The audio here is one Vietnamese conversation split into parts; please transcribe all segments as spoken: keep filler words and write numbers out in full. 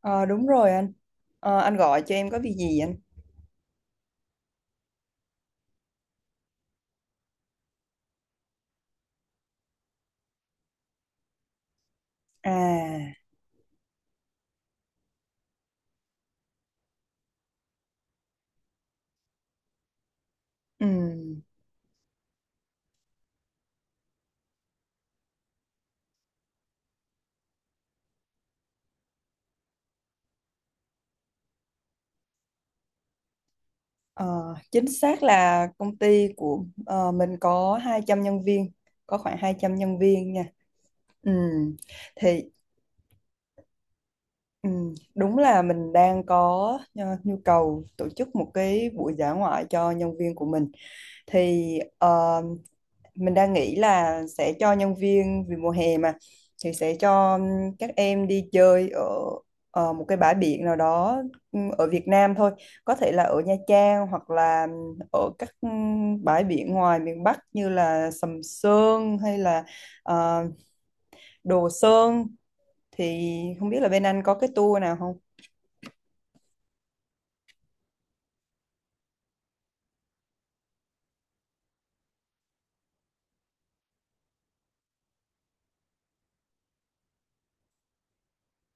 Ờ, đúng rồi anh. Ờ, anh gọi cho em có việc gì anh? À, ừm, ờ, Chính xác là công ty của ờ, mình có hai trăm nhân viên, có khoảng hai trăm nhân viên nha. Ừm, thì ừm, đúng là mình đang có ờ, nhu cầu tổ chức một cái buổi dã ngoại cho nhân viên của mình. Thì ờ, mình đang nghĩ là sẽ cho nhân viên vì mùa hè mà thì sẽ cho các em đi chơi ở, ở một cái bãi biển nào đó ừm, ở Việt Nam thôi, có thể là ở Nha Trang hoặc là ở các ừm, bãi biển ngoài miền Bắc như là Sầm Sơn hay là ờ, Đồ Sơn, thì không biết là bên anh có cái tour nào không.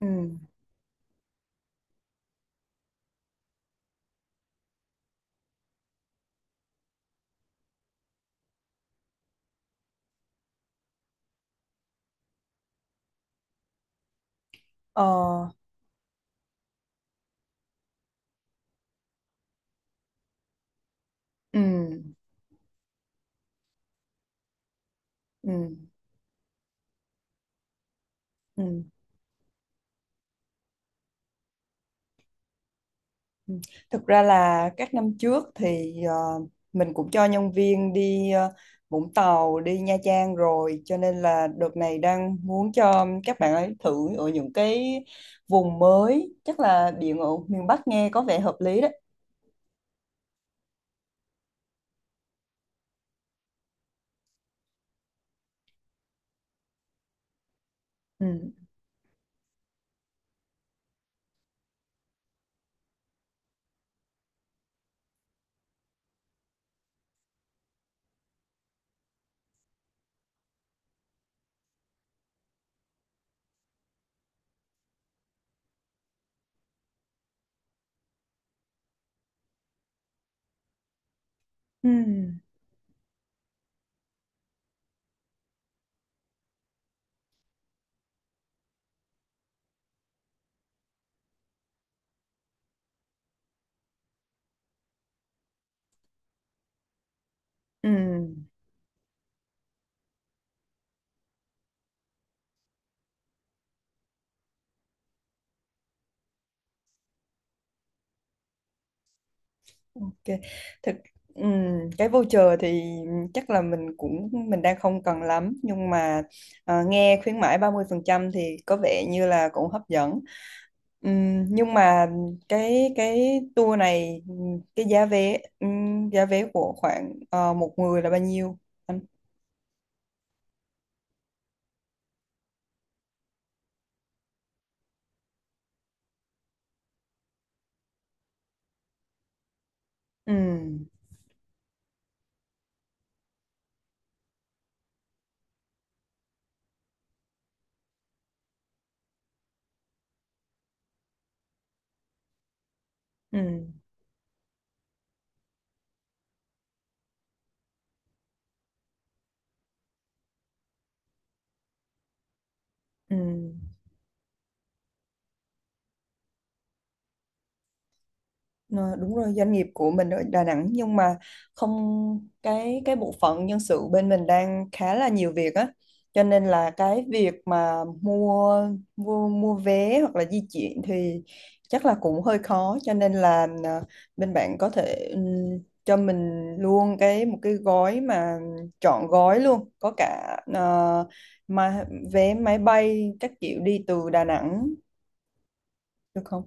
Ừ. Ờ, ừ. Ừ. Ừ. Ừ. Thực ra là các năm trước thì ờ, mình cũng cho nhân viên đi ờ, Vũng Tàu, đi Nha Trang rồi, cho nên là đợt này đang muốn cho các bạn ấy thử ở những cái vùng mới, chắc là biển ở miền Bắc nghe có vẻ hợp lý đấy. Ừ. Ừ. Ừ. Ok. Thực, ừ. Cái voucher thì chắc là mình cũng mình đang không cần lắm, nhưng mà ờ, nghe khuyến mãi ba mươi phần trăm thì có vẻ như là cũng hấp dẫn. Ừm, nhưng mà cái cái tour này ừm, cái giá vé ừm, giá vé của khoảng ờ, một người là bao nhiêu anh? Ừm, ừm, ừm. Ờ, đúng rồi, doanh nghiệp của mình ở Đà Nẵng, nhưng mà không, cái cái bộ phận nhân sự bên mình đang khá là nhiều việc á, cho nên là cái việc mà mua mua mua vé hoặc là di chuyển thì chắc là cũng hơi khó, cho nên là ờ, bên bạn có thể, ừm, cho mình luôn cái, một cái gói mà trọn gói luôn, có cả ờ, mà vé máy bay các kiểu đi từ Đà Nẵng được không?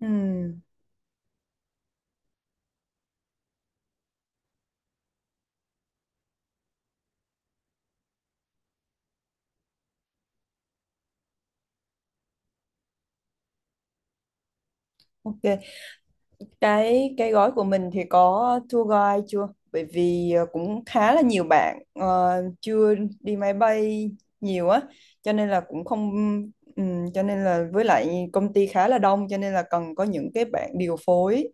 Ừm, ok. Cái cái gói của mình thì có tour guide chưa? Bởi vì ờ, cũng khá là nhiều bạn ờ, chưa đi máy bay nhiều á, cho nên là cũng không, ừm, cho nên là với lại công ty khá là đông, cho nên là cần có những cái bạn điều phối.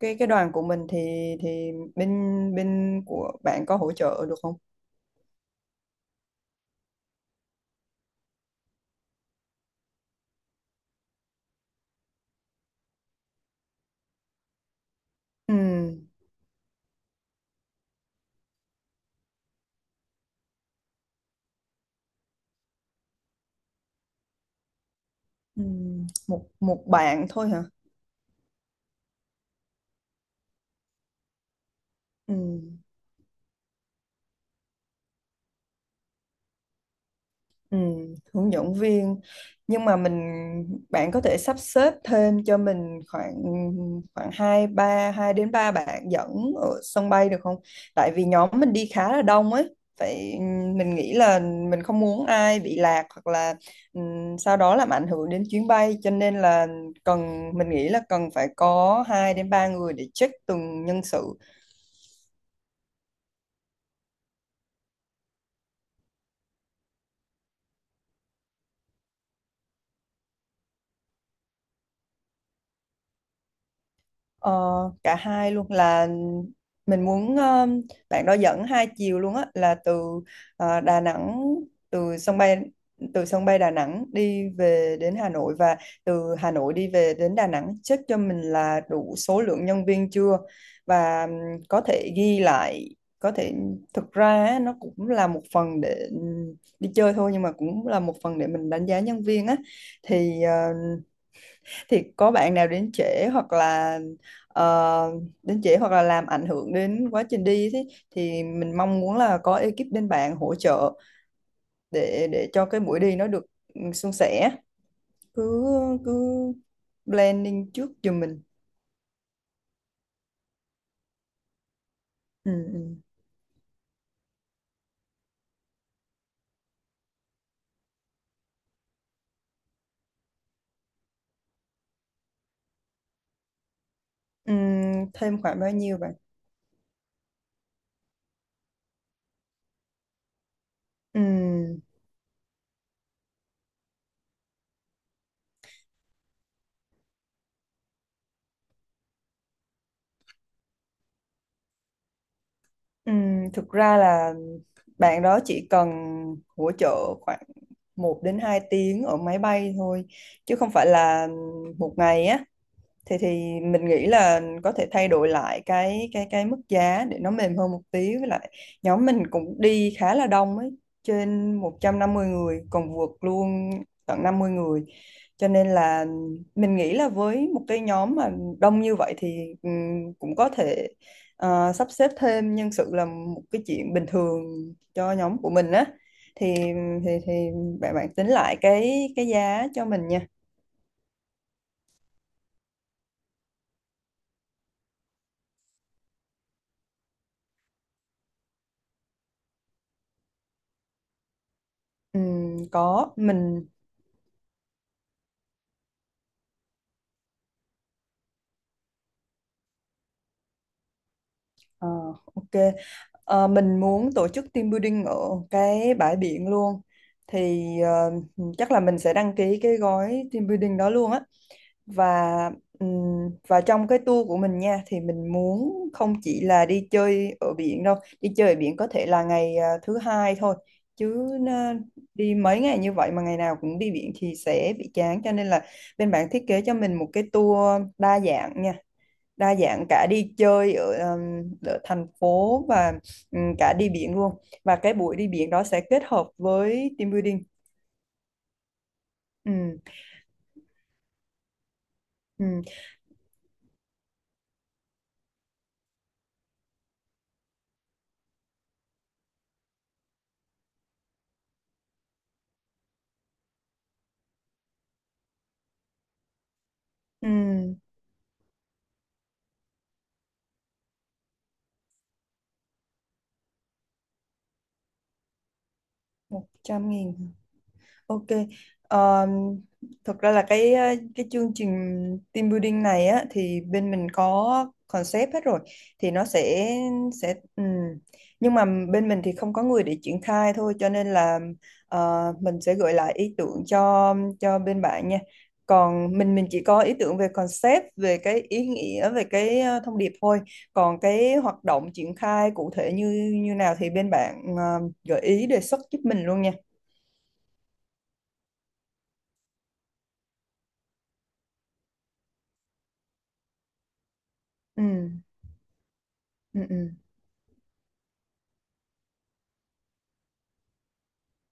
Cái cái đoàn của mình thì thì bên bên của bạn có hỗ trợ được không? Ừm, ừm, một một bạn thôi hả? Ừ, hướng dẫn viên, nhưng mà mình, bạn có thể sắp xếp thêm cho mình khoảng, khoảng hai ba hai đến ba bạn dẫn ở sân bay được không? Tại vì nhóm mình đi khá là đông ấy, phải, mình nghĩ là mình không muốn ai bị lạc hoặc là ừm, sau đó làm ảnh hưởng đến chuyến bay, cho nên là cần, mình nghĩ là cần phải có hai đến ba người để check từng nhân sự. Ờ, cả hai luôn, là mình muốn ờ, bạn đó dẫn hai chiều luôn á, là từ ờ, Đà Nẵng, từ sân bay, từ sân bay Đà Nẵng đi về đến Hà Nội, và từ Hà Nội đi về đến Đà Nẵng, check cho mình là đủ số lượng nhân viên chưa, và ừm, có thể ghi lại, có thể, thực ra á, nó cũng là một phần để ừm, đi chơi thôi, nhưng mà cũng là một phần để mình đánh giá nhân viên á, thì ờ, thì có bạn nào đến trễ hoặc là ờ, đến trễ hoặc là làm ảnh hưởng đến quá trình đi thì thì mình mong muốn là có ekip bên bạn hỗ trợ để để cho cái buổi đi nó được, ừ, suôn sẻ, cứ cứ planning trước giùm mình. Ừ, ừ. Ừ, thêm khoảng bao nhiêu bạn? ừ, ừ, Thực ra là bạn đó chỉ cần hỗ trợ khoảng một đến hai tiếng ở máy bay thôi chứ không phải là một ngày á, thì thì mình nghĩ là có thể thay đổi lại cái cái cái mức giá để nó mềm hơn một tí, với lại nhóm mình cũng đi khá là đông ấy, trên một trăm năm mươi người, còn vượt luôn tận năm mươi người, cho nên là mình nghĩ là với một cái nhóm mà đông như vậy thì ừm, cũng có thể ờ, sắp xếp thêm nhân sự là một cái chuyện bình thường cho nhóm của mình á, thì thì thì bạn bạn tính lại cái cái giá cho mình nha. Ừm, có mình. Ờ, ok. Ờ, mình muốn tổ chức team building ở cái bãi biển luôn. Thì ờ, chắc là mình sẽ đăng ký cái gói team building đó luôn á. Và ừm, và trong cái tour của mình nha thì mình muốn không chỉ là đi chơi ở biển đâu. Đi chơi ở biển có thể là ngày à, thứ hai thôi. Chứ à, đi mấy ngày như vậy mà ngày nào cũng đi biển thì sẽ bị chán. Cho nên là bên bạn thiết kế cho mình một cái tour đa dạng nha, đa dạng cả đi chơi ở, um, ở thành phố, và um, cả đi biển luôn, và cái buổi đi biển đó sẽ kết hợp với team building. Ừ, ừ, ừ, một trăm nghìn. Ok. Ờ, thực ra là cái ờ, cái chương trình team building này á thì bên mình có concept hết rồi, thì nó sẽ sẽ ừm. Nhưng mà bên mình thì không có người để triển khai thôi, cho nên là ờ, mình sẽ gửi lại ý tưởng cho cho bên bạn nha. Còn mình mình chỉ có ý tưởng về concept, về cái ý nghĩa, về cái ờ, thông điệp thôi. Còn cái hoạt động triển khai cụ thể như như nào thì bên bạn ờ, gợi ý đề xuất giúp mình luôn nha. Ừ. Ừ. Ừ.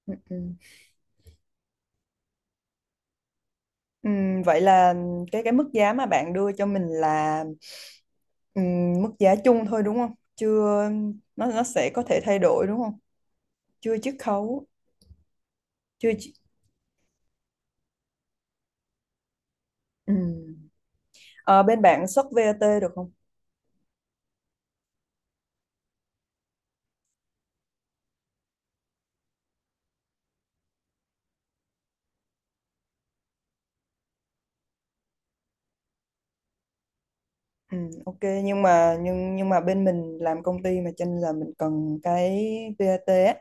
Ừ, ừ. Ừ, vậy là cái cái mức giá mà bạn đưa cho mình là, ừ, mức giá chung thôi đúng không? Chưa, nó nó sẽ có thể thay đổi đúng không? Chưa chiết khấu, chưa chi-, ừ. Ờ, bên bạn xuất vê a tê được không? Ừ, ok, nhưng mà nhưng nhưng mà bên mình làm công ty mà cho nên là mình cần cái vê a tê á,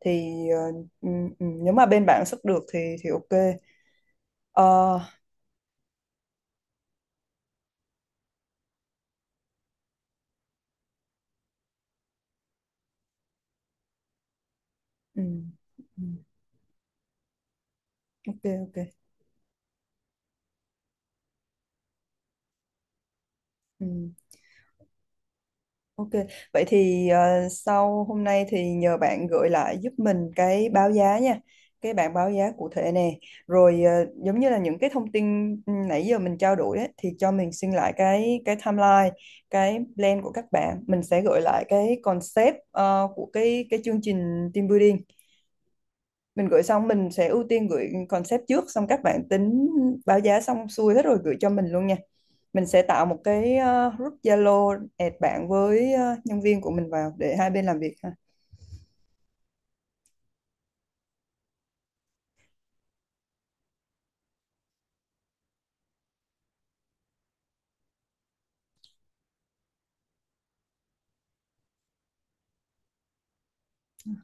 thì ờ, ừ, ừ, nếu mà bên bạn xuất được thì thì ok. Ờ, ừ, ừ, ok ok. Ừ. Ok, vậy thì ờ, sau hôm nay thì nhờ bạn gửi lại giúp mình cái báo giá nha, cái bảng báo giá cụ thể nè, rồi ờ, giống như là những cái thông tin, ừ, nãy giờ mình trao đổi ấy, thì cho mình xin lại cái cái timeline, cái plan của các bạn, mình sẽ gửi lại cái concept ờ, của cái cái chương trình team building, mình gửi xong mình sẽ ưu tiên gửi concept trước, xong các bạn tính báo giá xong xuôi hết rồi gửi cho mình luôn nha, mình sẽ tạo một cái ờ, group Zalo add bạn với ờ, nhân viên của mình vào để hai bên làm việc ha.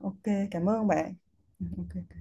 Ok, cảm ơn bạn. Ừ, ok.